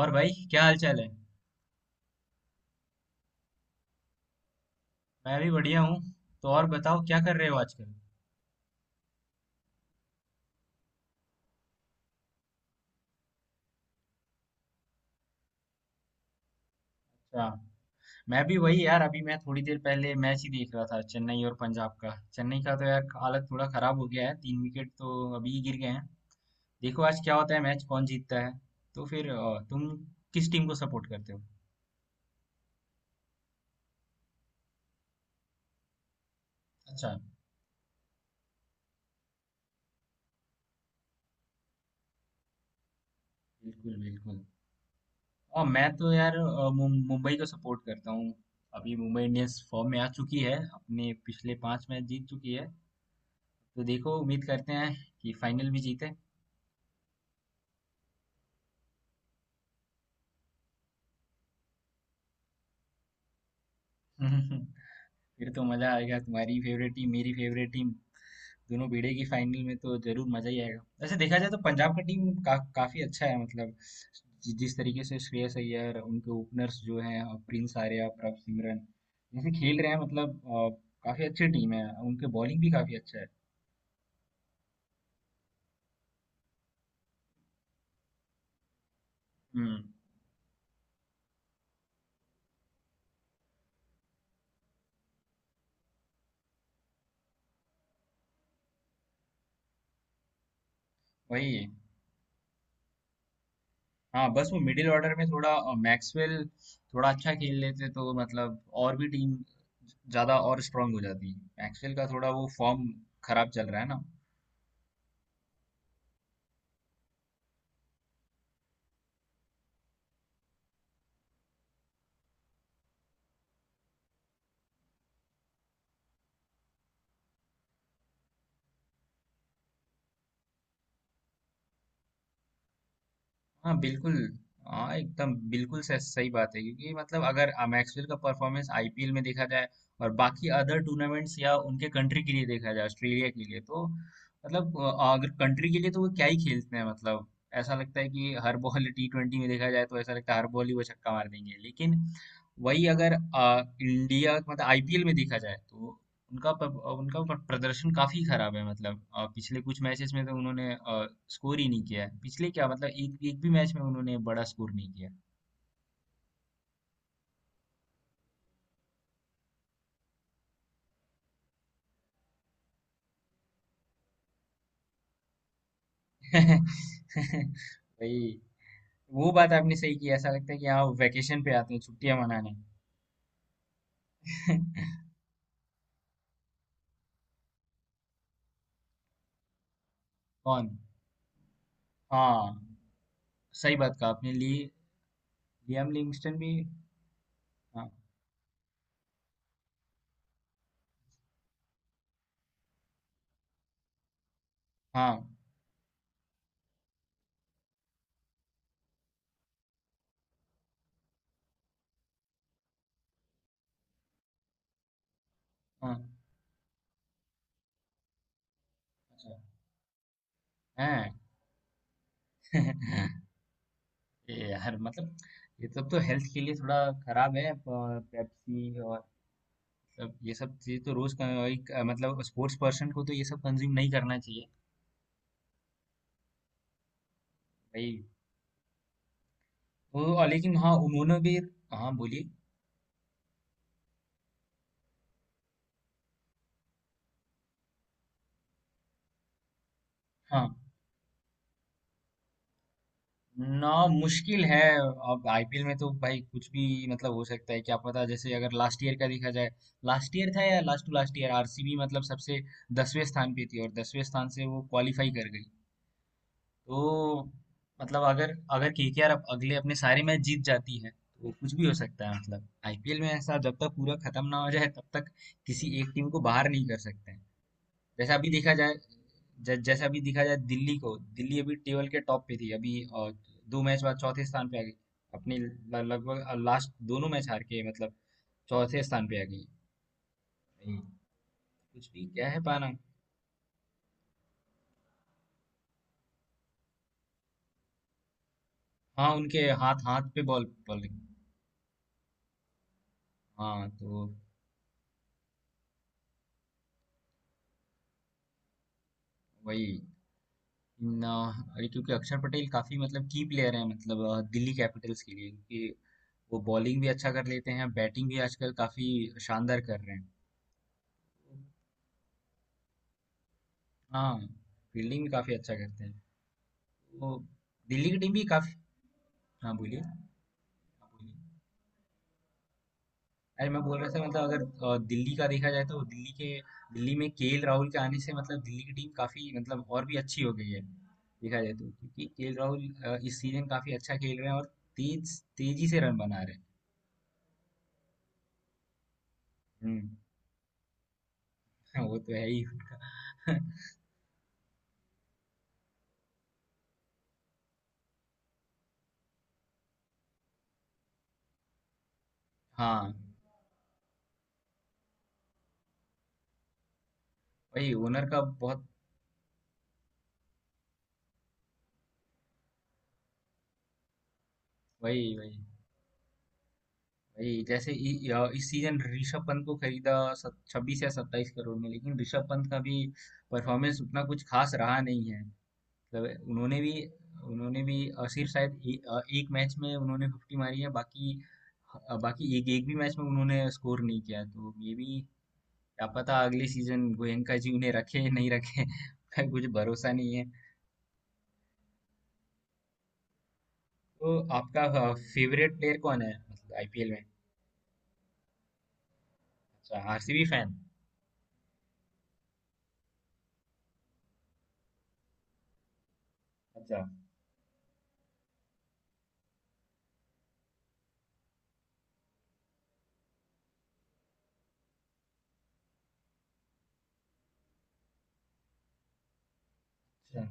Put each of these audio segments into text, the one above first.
और भाई क्या हाल चाल है। मैं भी बढ़िया हूँ। तो और बताओ क्या कर रहे हो आजकल। अच्छा। मैं भी वही यार, अभी मैं थोड़ी देर पहले मैच ही देख रहा था, चेन्नई और पंजाब का। चेन्नई का तो यार हालत थोड़ा खराब हो गया है, तीन विकेट तो अभी ही गिर गए हैं। देखो आज क्या होता है, मैच कौन जीतता है। तो फिर तुम किस टीम को सपोर्ट करते हो। अच्छा। बिल्कुल बिल्कुल। और मैं तो यार मुंबई को सपोर्ट करता हूँ। अभी मुंबई इंडियंस फॉर्म में आ चुकी है, अपने पिछले पांच मैच जीत चुकी है। तो देखो उम्मीद करते हैं कि फाइनल भी जीते। हम्म, फिर तो मजा आएगा, तुम्हारी फेवरेट टीम मेरी फेवरेट टीम दोनों भिड़ेगी फाइनल में तो जरूर मजा ही आएगा। वैसे देखा जाए तो पंजाब का टीम का काफी अच्छा है मतलब। जिस तरीके से श्रेयस अय्यर उनके ओपनर्स जो हैं और प्रिंस आर्या प्रभ सिमरन जैसे खेल रहे हैं, मतलब काफी अच्छी टीम है। उनके बॉलिंग भी काफी अच्छा है। हम्म वही है। हाँ बस वो मिडिल ऑर्डर में थोड़ा मैक्सवेल थोड़ा अच्छा खेल लेते तो मतलब और भी टीम ज्यादा और स्ट्रांग हो जाती। मैक्सवेल का थोड़ा वो फॉर्म खराब चल रहा है ना। हाँ, बिल्कुल। हाँ, एकदम बिल्कुल स सही बात है क्योंकि मतलब अगर मैक्सवेल का परफॉर्मेंस आईपीएल में देखा जाए और बाकी अदर टूर्नामेंट्स या उनके कंट्री के लिए देखा जाए, ऑस्ट्रेलिया के लिए, तो मतलब अगर कंट्री के लिए तो वो क्या ही खेलते हैं मतलब। ऐसा लगता है कि हर बॉल, T20 में देखा जाए तो ऐसा लगता है हर बॉल ही वो छक्का मार देंगे। लेकिन वही अगर इंडिया मतलब आईपीएल में देखा जाए तो उनका प- प्रदर्शन काफी खराब है, मतलब पिछले कुछ मैचेस में तो उन्होंने स्कोर ही नहीं किया है। पिछले क्या मतलब एक एक भी मैच में उन्होंने बड़ा स्कोर नहीं किया। भाई, वो बात आपने सही की। ऐसा लगता है कि हाँ वेकेशन पे आते हैं छुट्टियां मनाने। कौन। हाँ, सही बात कहा आपने। ली लियाम लिंगस्टन भी। हाँ हाँ हाँ। अच्छा। हैं। ये यार मतलब ये सब तो हेल्थ के लिए थोड़ा खराब है। पेप्सी और अब ये सब चीज़ तो रोज का, भाई मतलब स्पोर्ट्स पर्सन को तो ये सब कंज्यूम नहीं करना चाहिए। भाई वो और लेकिन हाँ उन्होंने भी। हाँ बोलिए। हाँ, ना, मुश्किल है। अब आईपीएल में तो भाई कुछ भी, मतलब हो सकता है क्या पता। जैसे अगर लास्ट ईयर का देखा जाए, लास्ट ईयर था या last to last year, RCB मतलब सबसे 10वें स्थान पे थी और 10वें स्थान से वो क्वालिफाई कर गई। तो मतलब अगर अगर केकेआर अब अगले अपने सारे मैच जीत जाती है तो कुछ भी हो सकता है। मतलब आईपीएल में ऐसा जब तक पूरा खत्म ना हो जाए तब तक किसी एक टीम को बाहर नहीं कर सकते हैं। जैसा अभी देखा जाए, जैसा अभी देखा जाए दिल्ली को, दिल्ली अभी टेबल के टॉप पे थी, अभी दो मैच बाद चौथे स्थान पे आ गई, अपनी लगभग लास्ट दोनों मैच हार के, मतलब चौथे स्थान पे आ गई। भाई, कुछ भी क्या है पाना। हाँ उनके हाथ हाथ पे बॉल बॉलिंग। हाँ तो वही ना। अरे क्योंकि अक्षर पटेल काफी मतलब की प्लेयर हैं, मतलब दिल्ली कैपिटल्स के लिए, क्योंकि वो बॉलिंग भी अच्छा कर लेते हैं, बैटिंग भी आजकल काफी शानदार कर रहे हैं। हाँ, फील्डिंग भी काफी अच्छा करते हैं। तो दिल्ली की टीम भी काफी। हाँ बोलिए। हाँ, बोलिए। अरे मैं बोल रहा था मतलब अगर दिल्ली का देखा जाए तो दिल्ली के, दिल्ली में केएल राहुल के आने से मतलब दिल्ली की टीम काफी मतलब और भी अच्छी हो गई है देखा जाए तो, क्योंकि केएल राहुल इस सीजन काफी अच्छा खेल रहे हैं और तेज तेजी से रन बना रहे हैं। हम्म। हाँ, वो तो है ही। हाँ, वही ओनर का बहुत। वही वही वही। जैसे इ, इ- इस सीजन ऋषभ पंत को खरीदा 26 या 27 करोड़ में, लेकिन ऋषभ पंत का भी परफॉर्मेंस उतना कुछ खास रहा नहीं है। मतलब उन्होंने भी सिर्फ शायद एक मैच में उन्होंने 50 मारी है, बाकी अ, बाकी एक एक भी मैच में उन्होंने स्कोर नहीं किया। तो ये भी क्या पता अगले सीजन गोयनका जी उन्हें रखे नहीं रखे। कुछ भरोसा नहीं है। तो आपका फेवरेट प्लेयर कौन है, मतलब आईपीएल में। अच्छा, आरसीबी फैन। अच्छा। अच्छा।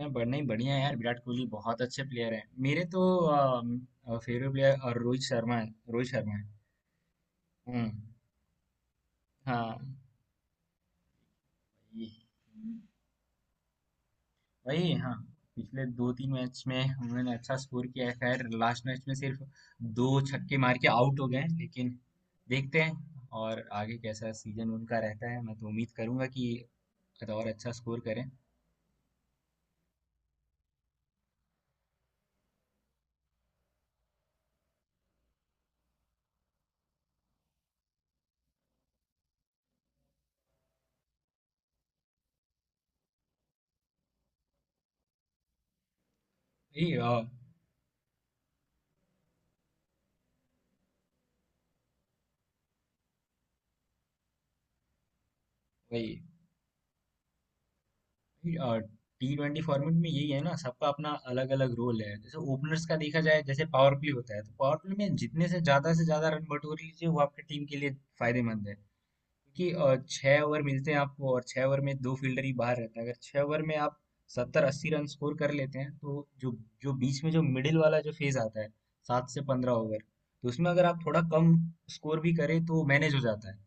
नहीं, बढ़िया है यार। विराट कोहली बहुत अच्छे प्लेयर हैं। मेरे तो फेवरेट प्लेयर और रोहित शर्मा है, रोहित शर्मा है। हम्म। हाँ। ये- वही। हाँ, पिछले दो तीन मैच में उन्होंने अच्छा स्कोर किया है, खैर लास्ट मैच में सिर्फ दो छक्के मार के आउट हो गए हैं, लेकिन देखते हैं और आगे कैसा सीजन उनका रहता है। मैं तो उम्मीद करूंगा कि और अच्छा स्कोर करें। वही वही वही, टी ट्वेंटी फॉर्मेट में यही है ना, सबका अपना अलग अलग रोल है। जैसे ओपनर्स का देखा जाए, जैसे पावर प्ले होता है तो पावर प्ले में जितने से ज्यादा रन बटोर लीजिए वो आपकी टीम के लिए फायदेमंद है। क्योंकि छह ओवर मिलते हैं आपको, और 6 ओवर में दो फील्डर ही बाहर रहते हैं। अगर 6 ओवर में आप 70 80 रन स्कोर कर लेते हैं तो जो जो बीच में जो मिडिल वाला जो फेज आता है, 7 से 15 ओवर, तो उसमें अगर आप थोड़ा कम स्कोर भी करें तो मैनेज हो जाता है,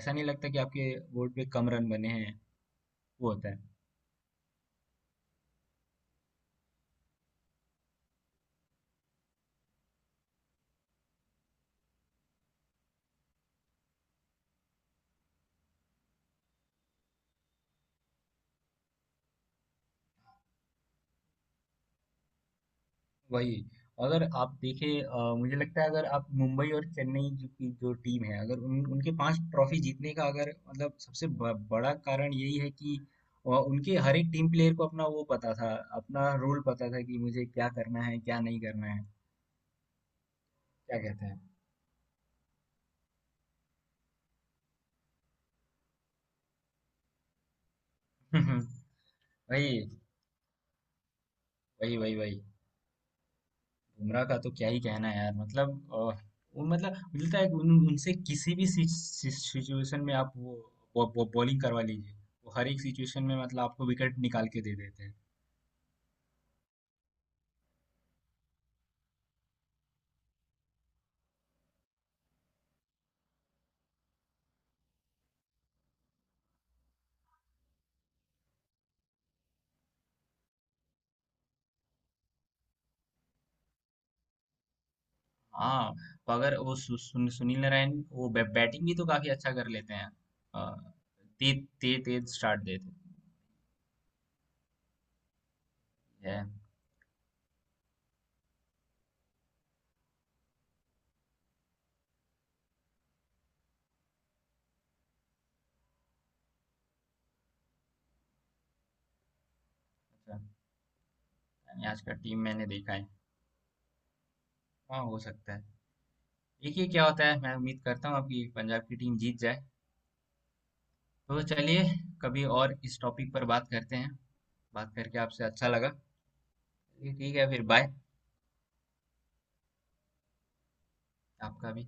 ऐसा नहीं लगता कि आपके बोर्ड पे कम रन बने हैं। वो होता है। वही। अगर आप देखें मुझे लगता है अगर आप मुंबई और चेन्नई जो की जो टीम है, अगर उनके पांच ट्रॉफी जीतने का अगर मतलब सबसे बड़ा कारण यही है कि उनके हर एक टीम प्लेयर को अपना वो पता था, अपना रोल पता था कि मुझे क्या करना है क्या नहीं करना है। क्या कहते हैं। वही वही वही वही। बुमराह का तो क्या ही कहना है यार, मतलब अ, वो मतलब मिलता है कि उनसे किसी भी सिचुएशन में आप वो बॉ, बॉ, बॉलिंग करवा लीजिए, वो हर एक सिचुएशन में मतलब आपको विकेट निकाल के दे देते हैं। हाँ अगर वो सुनील नारायण वो बैटिंग भी तो काफी अच्छा कर लेते हैं। अ, तेज तेज तेज स्टार्ट देते हैं। है। अच्छा, यानी आज का टीम मैंने देखा है। हाँ हो सकता है। देखिए क्या होता है। मैं उम्मीद करता हूँ आपकी पंजाब की टीम जीत जाए। तो चलिए, कभी और इस टॉपिक पर बात करते हैं। बात करके आपसे अच्छा लगा। चलिए, ठीक है फिर बाय। आपका भी।